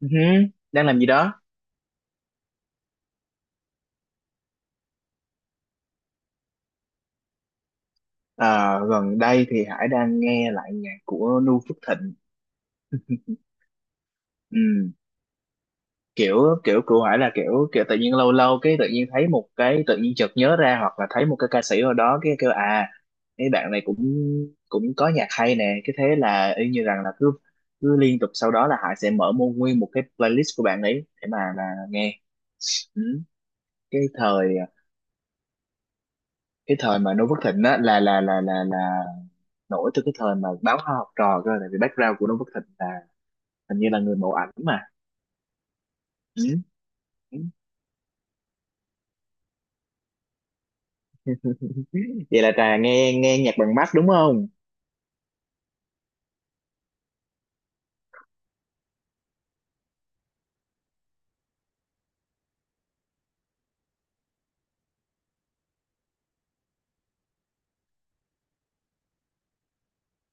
Ừ hứ, đang làm gì đó? Ờ, Gần đây thì Hải đang nghe lại nhạc của Nu Phước Thịnh. Ừ, kiểu kiểu của Hải là kiểu kiểu tự nhiên, lâu lâu cái tự nhiên thấy một cái, tự nhiên chợt nhớ ra hoặc là thấy một cái ca sĩ ở đó cái kêu cái bạn này cũng cũng có nhạc hay nè, cái thế là y như rằng là cứ cứ liên tục sau đó là Hải sẽ mở một nguyên một cái playlist của bạn ấy để mà là nghe. Ừ. cái thời cái thời mà Nu Phước Thịnh á là nổi từ cái thời mà báo Hoa Học Trò cơ, tại vì background của Noo Phước Thịnh là hình như là người mẫu ảnh mà. Ừ. Ừ. Vậy là Trà nghe nghe nhạc bằng mắt đúng không?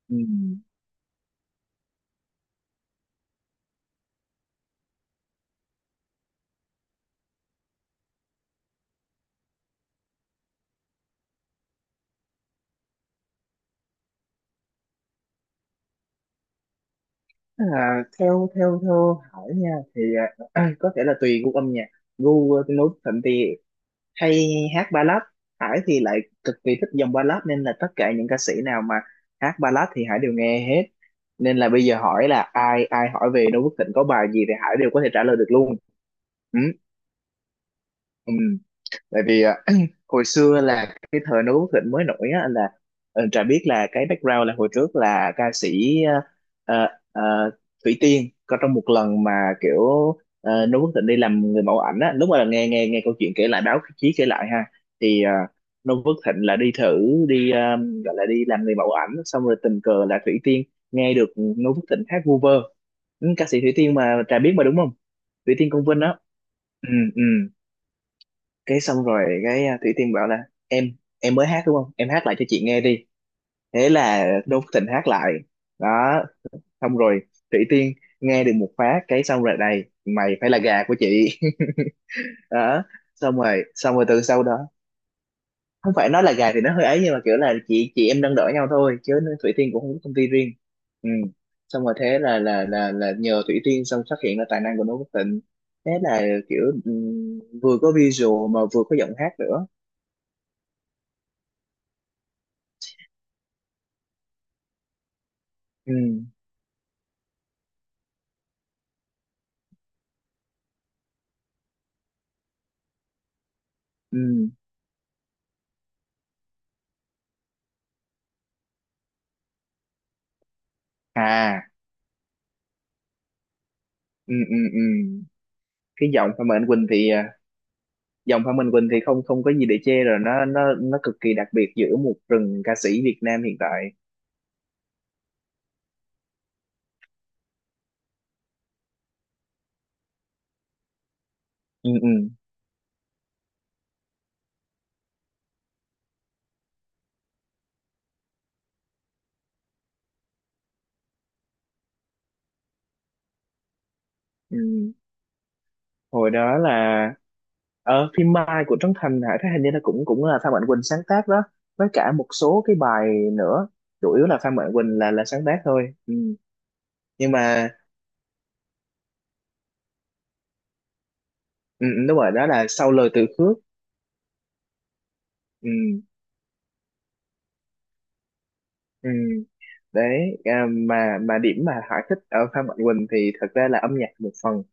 Ừ. À, theo theo theo Hải nha thì có thể là tùy gu âm nhạc. Gu Noo Phước Thịnh thì hay hát ballad. Hải thì lại cực kỳ thích dòng ballad, nên là tất cả những ca sĩ nào mà hát ballad thì Hải đều nghe hết. Nên là bây giờ hỏi là ai ai hỏi về Noo Phước Thịnh có bài gì thì Hải đều có thể trả lời được luôn. Ừ. Ừ. Tại vì hồi xưa là cái thời Noo Quốc Thịnh mới nổi á, anh là Trà biết là cái background là hồi trước là ca sĩ ờ, ờ, Thủy Tiên. Có trong một lần mà kiểu Noo Quốc Thịnh đi làm người mẫu ảnh á, lúc mà nghe nghe nghe câu chuyện kể lại, báo chí kể lại ha, thì Noo Quốc Thịnh là đi thử, đi gọi là đi làm người mẫu ảnh, xong rồi tình cờ là Thủy Tiên nghe được Noo Quốc Thịnh hát vu vơ. Ừ, ca sĩ Thủy Tiên mà Trà biết mà đúng không? Thủy Tiên Công Vinh á. Ừ, ừ, cái xong rồi cái Thủy Tiên bảo là: em em mới hát đúng không, em hát lại cho chị nghe đi. Thế là Đỗ Phúc Thịnh hát lại. Đó, xong rồi Thủy Tiên nghe được một phát, cái xong rồi này, mày phải là gà của chị. Đó, xong rồi từ sau đó, không phải nói là gà thì nó hơi ấy, nhưng mà kiểu là chị em nâng đỡ nhau thôi chứ. Thủy Tiên cũng không có công ty riêng. Ừ. Xong rồi thế là nhờ Thủy Tiên xong phát hiện ra tài năng của Đỗ Quốc Tịnh. Thế là kiểu vừa có visual mà vừa có giọng hát nữa. Ừ. Ừ. À. Ừ. Ừ. Ừ. cái giọng Phạm Mạnh Quỳnh thì à, Giọng Phạm Mạnh Quỳnh thì không không có gì để chê rồi, nó cực kỳ đặc biệt giữa một rừng ca sĩ Việt Nam hiện tại. Ừ. Ừ. Ừ. Hồi đó là ở phim Mai của Trấn Thành hả, thấy hình như là cũng cũng là Phan Mạnh Quỳnh sáng tác đó, với cả một số cái bài nữa. Chủ yếu là Phan Mạnh Quỳnh là sáng tác thôi. Ừ, nhưng mà ừ, ừ, đúng rồi, đó là Sau Lời Từ Khước. Ừ. Ừ. Đấy, mà điểm mà Hải thích ở Phan Mạnh Quỳnh thì thật ra là âm nhạc một phần.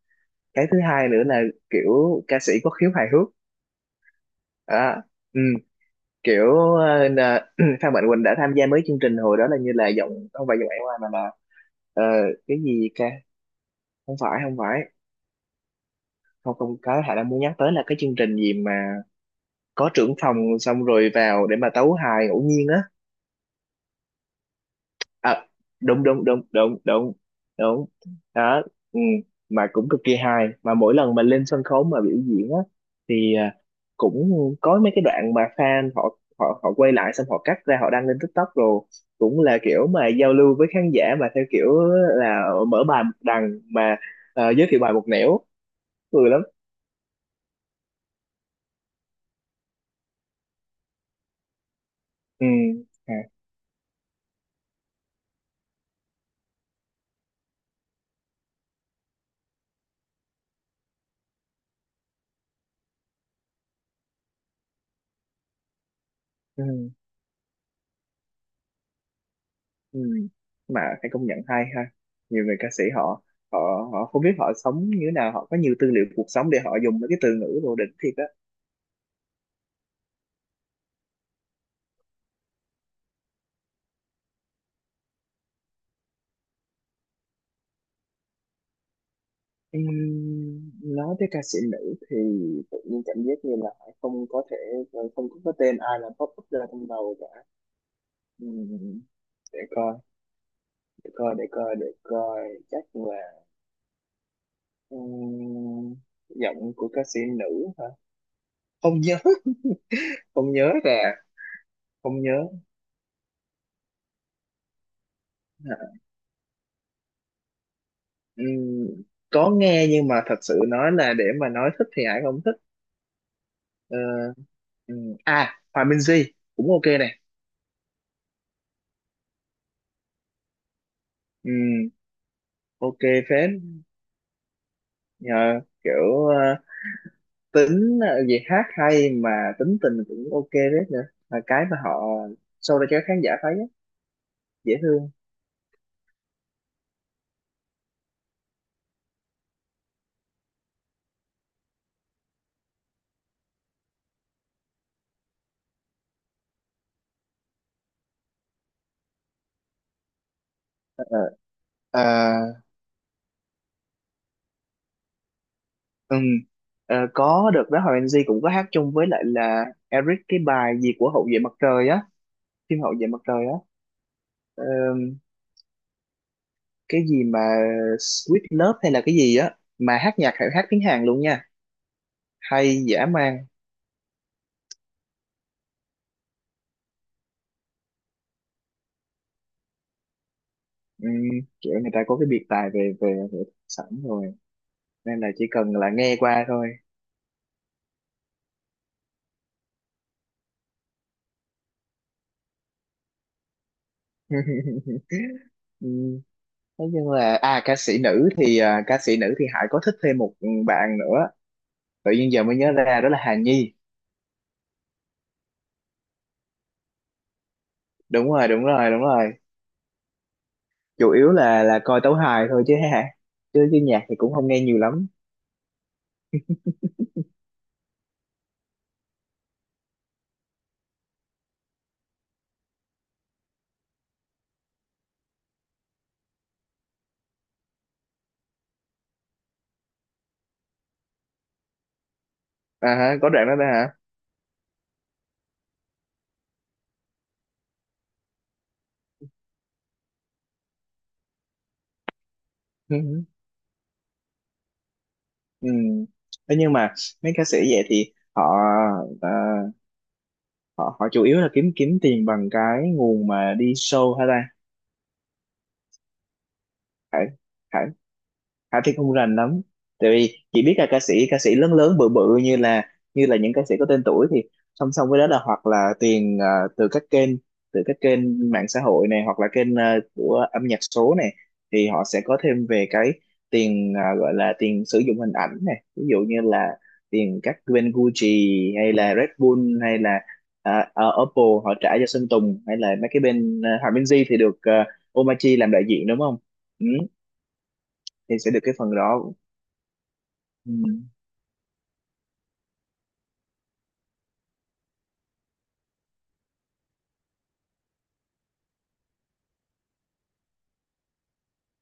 Cái thứ hai nữa là kiểu ca sĩ có khiếu hài hước. à, ừ, Kiểu Phan Mạnh Quỳnh đã tham gia mấy chương trình hồi đó, là như là giọng, không phải giọng Ải Hoa mà là ờ, cái gì ca, không phải, không phải, không không có, Hải đang muốn nhắc tới là cái chương trình gì mà có trưởng phòng xong rồi vào để mà tấu hài ngẫu nhiên á. à, đúng đúng đúng đúng đúng đúng, đó. Ừ. Mà cũng cực kỳ hài, mà mỗi lần mà lên sân khấu mà biểu diễn á, thì cũng có mấy cái đoạn mà fan họ họ họ quay lại, xong họ cắt ra họ đăng lên TikTok rồi, cũng là kiểu mà giao lưu với khán giả mà theo kiểu là mở bài một đằng mà giới thiệu bài một nẻo, cười lắm. Ừ. À. Ừ. Ừ. Mà phải công nhận hay ha, nhiều người ca sĩ họ, họ họ không biết họ sống như thế nào, họ có nhiều tư liệu cuộc sống để họ dùng mấy cái từ ngữ đồ đỉnh thiệt á. Nói tới ca sĩ nữ thì tự nhiên cảm giác như là không có thể, không có cái tên ai là pop up ra trong đầu cả. Ừm, để coi, để coi để coi để coi, chắc là ừm, giọng của ca sĩ nữ hả? Không nhớ, không nhớ ra, không nhớ. Ừm, có nghe nhưng mà thật sự nói là để mà nói thích thì Hải không thích. Ờ, Hòa Minzy cũng ok này. Ừm, ok phết. Nhờ kiểu tính gì hát hay mà, tính tình cũng ok phết nữa, là cái mà họ show ra cho khán giả thấy á, dễ thương. Ờ, ờ, ừm, có được đó, Hòa Minh Di cũng có hát chung với lại là Eric cái bài gì của Hậu vệ mặt trời á, phim Hậu vệ mặt trời á, cái gì mà Sweet Love hay là cái gì á, mà hát nhạc phải hát tiếng Hàn luôn nha, hay dã man. Ừ, kiểu người ta có cái biệt tài về về, về sẵn rồi nên là chỉ cần là nghe qua thôi. Ừ. Nói chung là ca sĩ nữ thì Hải có thích thêm một bạn nữa, tự nhiên giờ mới nhớ ra đó là Hà Nhi. Đúng rồi đúng rồi đúng rồi. Chủ yếu là coi tấu hài thôi chứ hả, chứ chứ nhạc thì cũng không nghe nhiều lắm. À hả, có đoạn đó đó. Hả. Ừ. Thế nhưng mà mấy ca sĩ vậy thì họ ờ, họ họ chủ yếu là kiếm kiếm tiền bằng cái nguồn mà đi show hả ta? Phải, phải. Hà thì không rành lắm, tại vì chỉ biết là ca sĩ lớn lớn bự bự, như là những ca sĩ có tên tuổi thì song song với đó là hoặc là tiền từ các kênh từ các kênh mạng xã hội này, hoặc là kênh của âm nhạc số này, thì họ sẽ có thêm về cái tiền gọi là tiền sử dụng hình ảnh này, ví dụ như là tiền các bên Gucci hay là Red Bull hay là Oppo họ trả cho Sơn Tùng, hay là mấy cái bên Hòa Minzy thì được Omachi làm đại diện đúng không? Ừ, thì sẽ được cái phần đó. Ừ.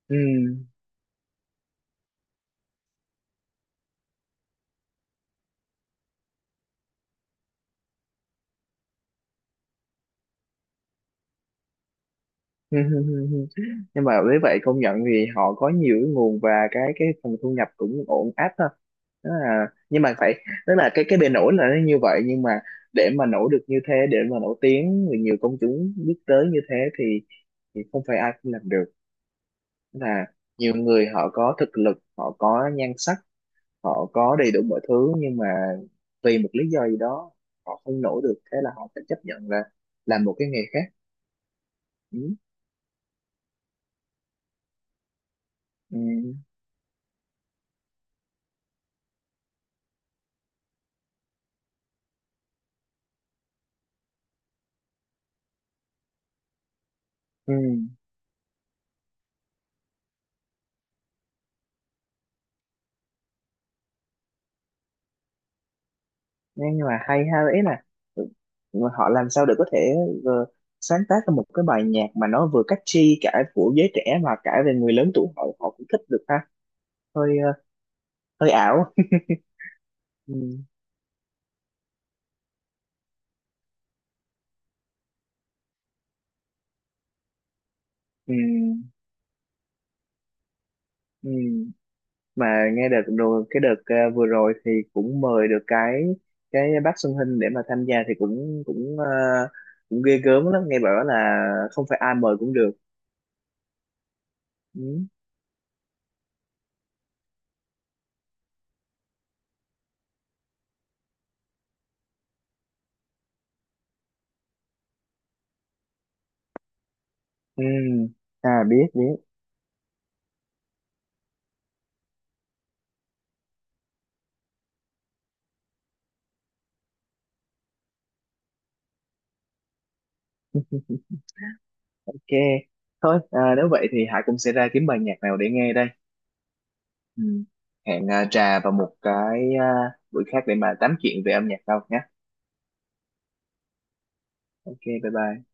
Ừ. Nhưng mà với vậy công nhận thì họ có nhiều cái nguồn, và cái phần thu nhập cũng ổn áp ha. Đó là, nhưng mà phải, tức là cái bề nổi là nó như vậy, nhưng mà để mà nổi được như thế, để mà nổi tiếng, người nhiều công chúng biết tới như thế thì, không phải ai cũng làm được. Tức là nhiều người họ có thực lực, họ có nhan sắc, họ có đầy đủ mọi thứ, nhưng mà vì một lý do gì đó họ không nổi được, thế là họ phải chấp nhận là làm một cái nghề khác. Ừ. Ừ. Ừ, nhưng mà hay ha, ý là ừ, họ làm sao để có thể ờ, sáng tác ra một cái bài nhạc mà nó vừa catchy cả của giới trẻ mà cả về người lớn tuổi họ họ cũng thích được ha, hơi hơi ảo. Ừ, ừ, ừ. Mà nghe đợt rồi, cái đợt vừa rồi thì cũng mời được cái bác Xuân Hinh để mà tham gia, thì cũng cũng ờ, cũng ghê gớm lắm, nghe bảo là không phải ai mời cũng được. Ừ. Ừ. À, biết biết. Ok, thôi à, nếu vậy thì Hải cũng sẽ ra kiếm bài nhạc nào để nghe đây. Ừ. Hẹn trà vào một cái buổi khác để mà tám chuyện về âm nhạc đâu nhé. Ok, bye bye.